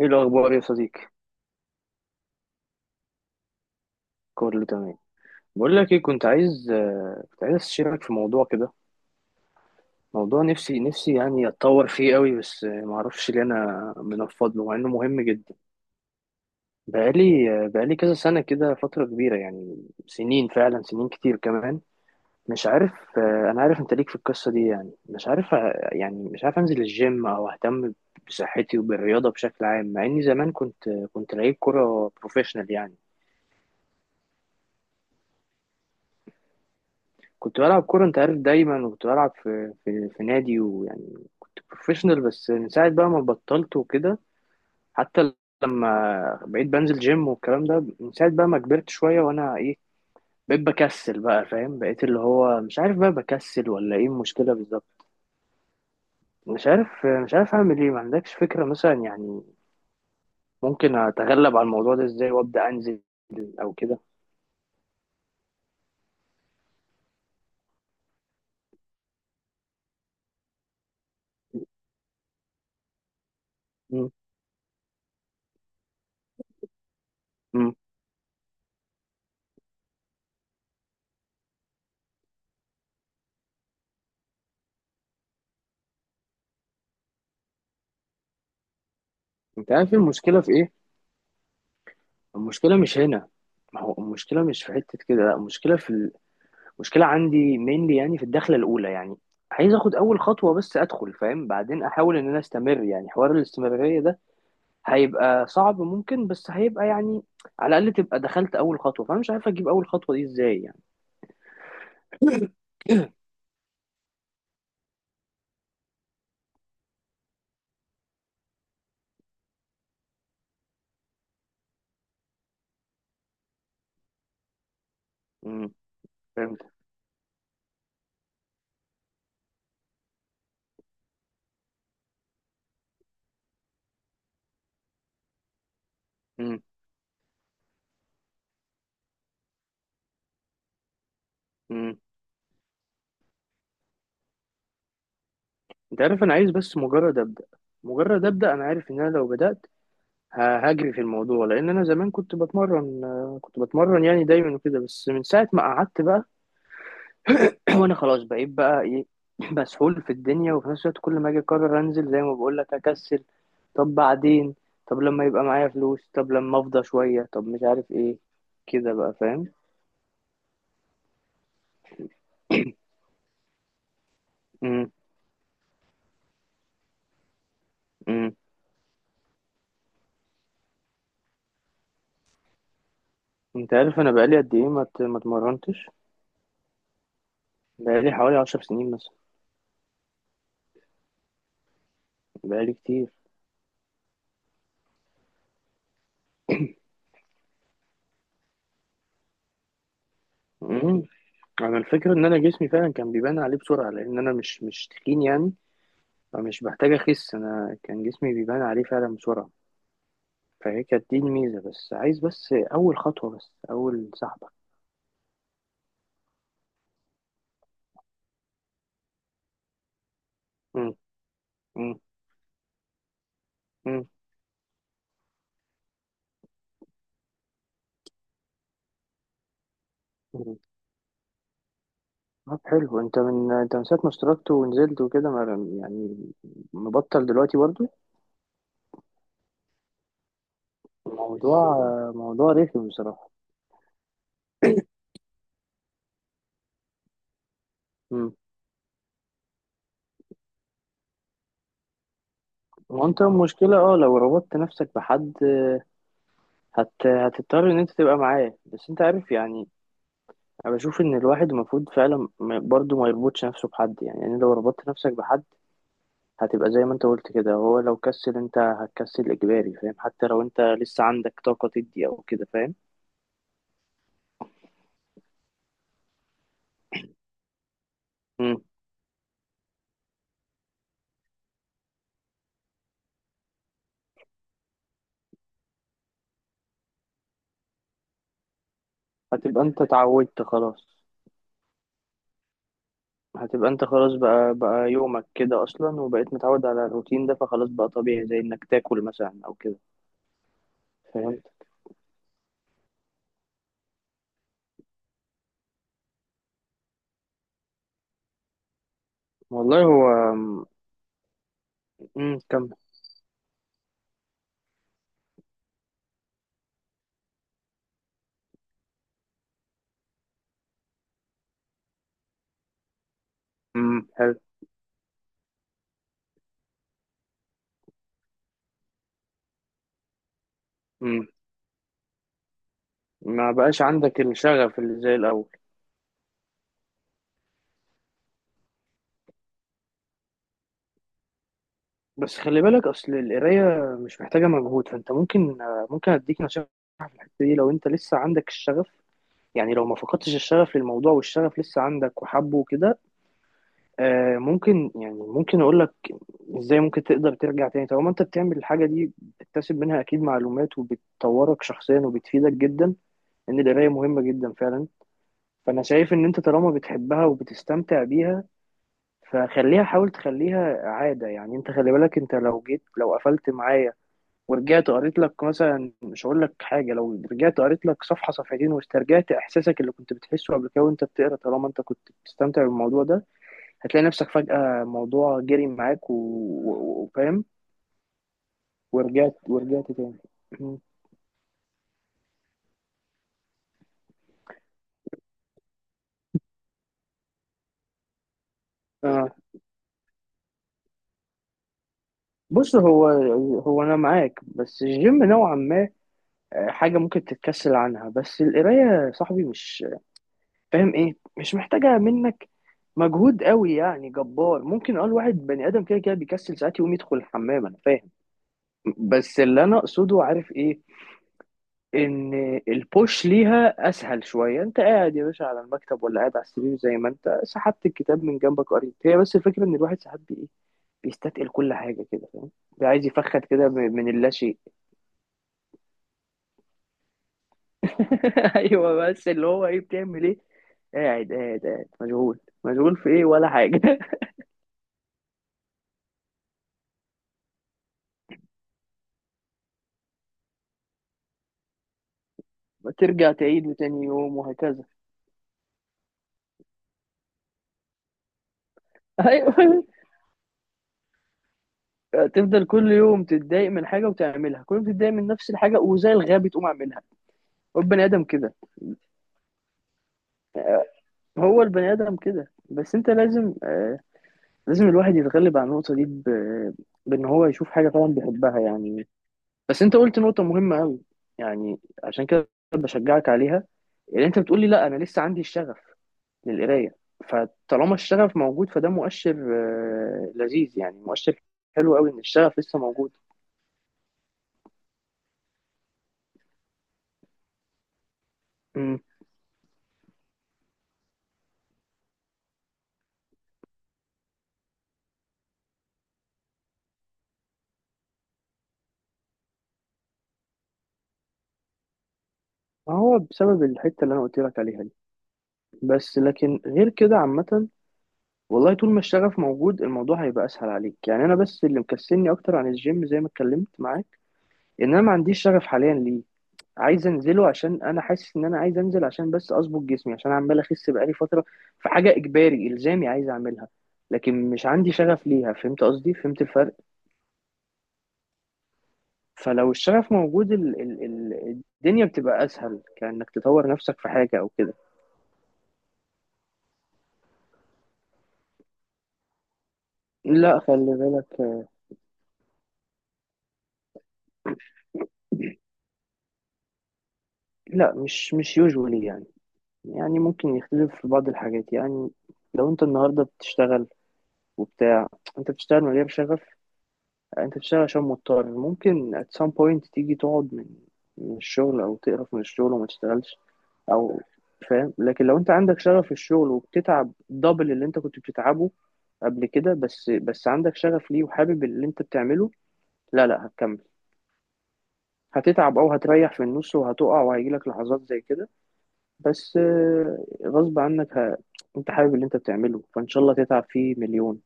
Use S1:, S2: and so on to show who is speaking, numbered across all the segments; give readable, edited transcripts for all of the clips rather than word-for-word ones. S1: ايه الاخبار يا صديقي؟ كله تمام. بقول لك ايه، كنت عايز استشيرك في موضوع كده. موضوع نفسي نفسي يعني اتطور فيه قوي، بس ما اعرفش ليه انا منفض له مع انه مهم جدا. بقالي كذا سنه كده، فتره كبيره يعني سنين، فعلا سنين كتير كمان. مش عارف. انا عارف انت ليك في القصه دي، يعني مش عارف يعني مش عارف انزل الجيم او اهتم بصحتي وبالرياضه بشكل عام، مع اني زمان كنت لعيب كره بروفيشنال يعني. كنت بلعب كورة، انت عارف، دايما، وكنت بلعب في نادي، ويعني كنت بروفيشنال، بس من ساعة بقى ما بطلت وكده. حتى لما بقيت بنزل جيم والكلام ده، من ساعة بقى ما كبرت شوية، وانا ايه، بقيت بكسل بقى، فاهم؟ بقيت اللي هو مش عارف بقى بكسل ولا ايه المشكلة بالظبط. مش عارف اعمل ايه. ما عندكش فكرة مثلا يعني ممكن اتغلب على الموضوع ده ازاي وابدأ انزل، او كده؟ مم. مم. انت عارف المشكلة في ايه؟ المشكلة مش هنا. ما هو المشكلة مش في حتة كده، لا، المشكلة في المشكلة عندي مينلي، يعني في الدخلة الأولى يعني. عايز آخد أول خطوة، بس أدخل، فاهم، بعدين أحاول إن أنا أستمر، يعني حوار الاستمرارية ده هيبقى صعب ممكن، بس هيبقى يعني على الأقل تبقى دخلت أول خطوة. فأنا مش عارف أجيب أول خطوة دي إزاي يعني. امم فهمت. امم. امم. أنت عارف، أنا عايز بس مجرد أبدأ، مجرد أبدأ. أنا عارف إن أنا لو بدأت هجري في الموضوع، لان انا زمان كنت بتمرن يعني دايما وكده، بس من ساعه ما قعدت بقى وانا خلاص بقيت بقى ايه، مسحول في الدنيا، وفي نفس الوقت كل ما اجي اقرر انزل زي ما بقول لك اكسل. طب بعدين، طب لما يبقى معايا فلوس، طب لما افضى شويه، طب مش عارف ايه، كده بقى، فاهم؟ امم. امم. انت عارف انا بقالي قد ايه ما اتمرنتش؟ بقالي حوالي 10 سنين مثلا. بقالي كتير. امم. انا الفكره ان انا جسمي فعلا كان بيبان عليه بسرعه، لان انا مش تخين يعني، فمش بحتاج اخس. انا كان جسمي بيبان عليه فعلا بسرعه، فهي كانت دي الميزه، بس عايز بس اول خطوه، بس اول سحبه. مم. مم. مم. مم. طب حلو، انت من ساعه ما اشتركت ونزلت وكده يعني مبطل دلوقتي برضو؟ موضوع موضوع رخم بصراحه. مم. وانت المشكله، لو ربطت نفسك بحد هتضطر ان انت تبقى معاه، بس انت عارف يعني. انا بشوف ان الواحد المفروض فعلا برضو ما يربطش نفسه بحد، يعني لو ربطت نفسك بحد هتبقى زي ما انت قلت كده، هو لو كسل انت هتكسل اجباري، فاهم؟ حتى لو انت لسه عندك طاقة تدي او كده، فاهم؟ مم. هتبقى انت اتعودت خلاص. هتبقى انت خلاص، بقى بقى يومك كده اصلا، وبقيت متعود على الروتين ده، فخلاص بقى طبيعي زي انك تاكل مثلا او كده. فهمت. والله هو. امم. كمل. امم. حلو. امم. ما بقاش عندك الشغف اللي زي الاول؟ بس خلي بالك، اصل القرايه مش محتاجه مجهود، فانت ممكن اديك نصيحه في الحتة دي. لو انت لسه عندك الشغف، يعني لو ما فقدتش الشغف للموضوع، والشغف لسه عندك وحبه وكده، ممكن اقول لك ازاي ممكن تقدر ترجع تاني. طالما انت بتعمل الحاجه دي، بتكتسب منها اكيد معلومات، وبتطورك شخصيا، وبتفيدك جدا، ان القرايه مهمه جدا فعلا. فانا شايف ان انت طالما بتحبها وبتستمتع بيها، حاول تخليها عاده يعني. انت خلي بالك، انت لو قفلت معايا ورجعت قريت لك مثلا، مش هقول لك حاجه، لو رجعت قريت لك صفحه صفحتين واسترجعت احساسك اللي كنت بتحسه قبل كده وانت بتقرا، طالما انت كنت بتستمتع بالموضوع ده هتلاقي نفسك فجاه الموضوع جري معاك وفاهم. ورجعت تاني. مم. آه. بص، هو انا معاك، بس الجيم نوعا ما حاجه ممكن تتكسل عنها، بس القرايه يا صاحبي مش، فاهم ايه، مش محتاجه منك مجهود قوي يعني جبار. ممكن اقول واحد بني ادم كده كده بيكسل ساعات يقوم يدخل الحمام، انا فاهم. بس اللي انا اقصده، عارف ايه، ان البوش ليها اسهل شويه. انت قاعد يا باشا على المكتب، ولا قاعد على السرير، زي ما انت سحبت الكتاب من جنبك قريت، هي. بس الفكره ان الواحد ساعات بي- ايه بيستثقل كل حاجه كده، فاهم، بيبقى عايز يفخد كده من اللاشيء. ايوه، بس اللي هو ايه، بتعمل ايه؟ قاعد قاعد قاعد، مشغول مشغول في ايه ولا حاجه. ترجع تعيد، وتاني يوم، وهكذا. ايوه، تفضل كل يوم تتضايق من حاجه وتعملها، كل يوم تتضايق من نفس الحاجه وزي الغبي تقوم اعملها. هو البني ادم كده. بس انت لازم آه، لازم الواحد يتغلب على النقطه دي بان هو يشوف حاجه فعلا بيحبها يعني. بس انت قلت نقطه مهمه قوي، يعني عشان كده بشجعك عليها، اللي انت بتقولي لا انا لسه عندي الشغف للقرايه. فطالما الشغف موجود فده مؤشر آه لذيذ يعني مؤشر حلو قوي، ان الشغف لسه موجود. مم. ما هو بسبب الحتة اللي أنا قلت لك عليها دي، بس لكن غير كده عامة، والله طول ما الشغف موجود الموضوع هيبقى أسهل عليك. يعني أنا بس اللي مكسلني أكتر عن الجيم، زي ما اتكلمت معاك، إن أنا ما عنديش شغف حاليا ليه. عايز أنزله عشان أنا حاسس إن أنا عايز أنزل عشان بس أظبط جسمي، عشان عمال أخس بقالي فترة. في حاجة إجباري إلزامي عايز أعملها، لكن مش عندي شغف ليها. فهمت قصدي؟ فهمت الفرق؟ فلو الشغف موجود ال ال ال الدنيا بتبقى أسهل، كأنك تطور نفسك في حاجة أو كده. لا، خلي بالك. لا، مش يوجوالي يعني. يعني ممكن يختلف في بعض الحاجات. يعني لو انت النهارده بتشتغل وبتاع، انت بتشتغل من غير شغف، انت بتشتغل عشان مضطر، ممكن at some point تيجي تقعد من الشغل، او تقرف من الشغل وما تشتغلش، او، فاهم؟ لكن لو انت عندك شغف في الشغل، وبتتعب دبل اللي انت كنت بتتعبه قبل كده، بس عندك شغف ليه وحابب اللي انت بتعمله، لا لا، هتكمل. هتتعب او هتريح في النص وهتقع وهيجيلك لحظات زي كده، بس غصب عنك انت حابب اللي انت بتعمله، فان شاء الله تتعب فيه مليون.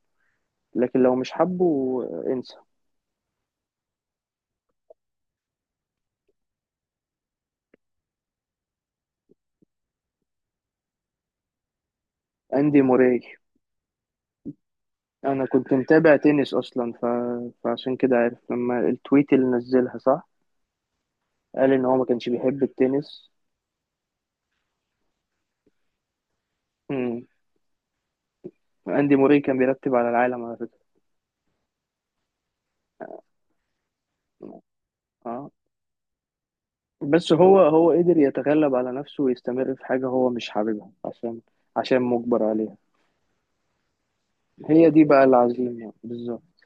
S1: لكن لو مش حابه، انسى. اندي موراي. انا كنت متابع تنس اصلا، فعشان كده عارف لما التويت اللي نزلها، صح. قال ان هو ما كانش بيحب التنس. امم. اندي موراي كان بيرتب على العالم، على فكرة. اه، بس هو قدر يتغلب على نفسه ويستمر في حاجة هو مش حاببها، عشان مجبر عليها. هي دي بقى العزيمة بالظبط.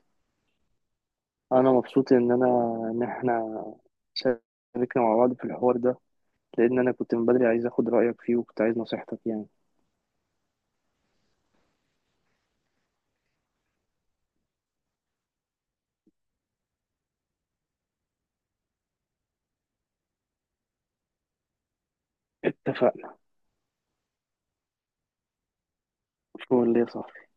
S1: انا مبسوط ان احنا شاركنا مع بعض في الحوار ده، لان انا كنت من بدري عايز اخد رايك فيه، وكنت عايز نصيحتك يعني. اتفقنا. فول يا صاحبي.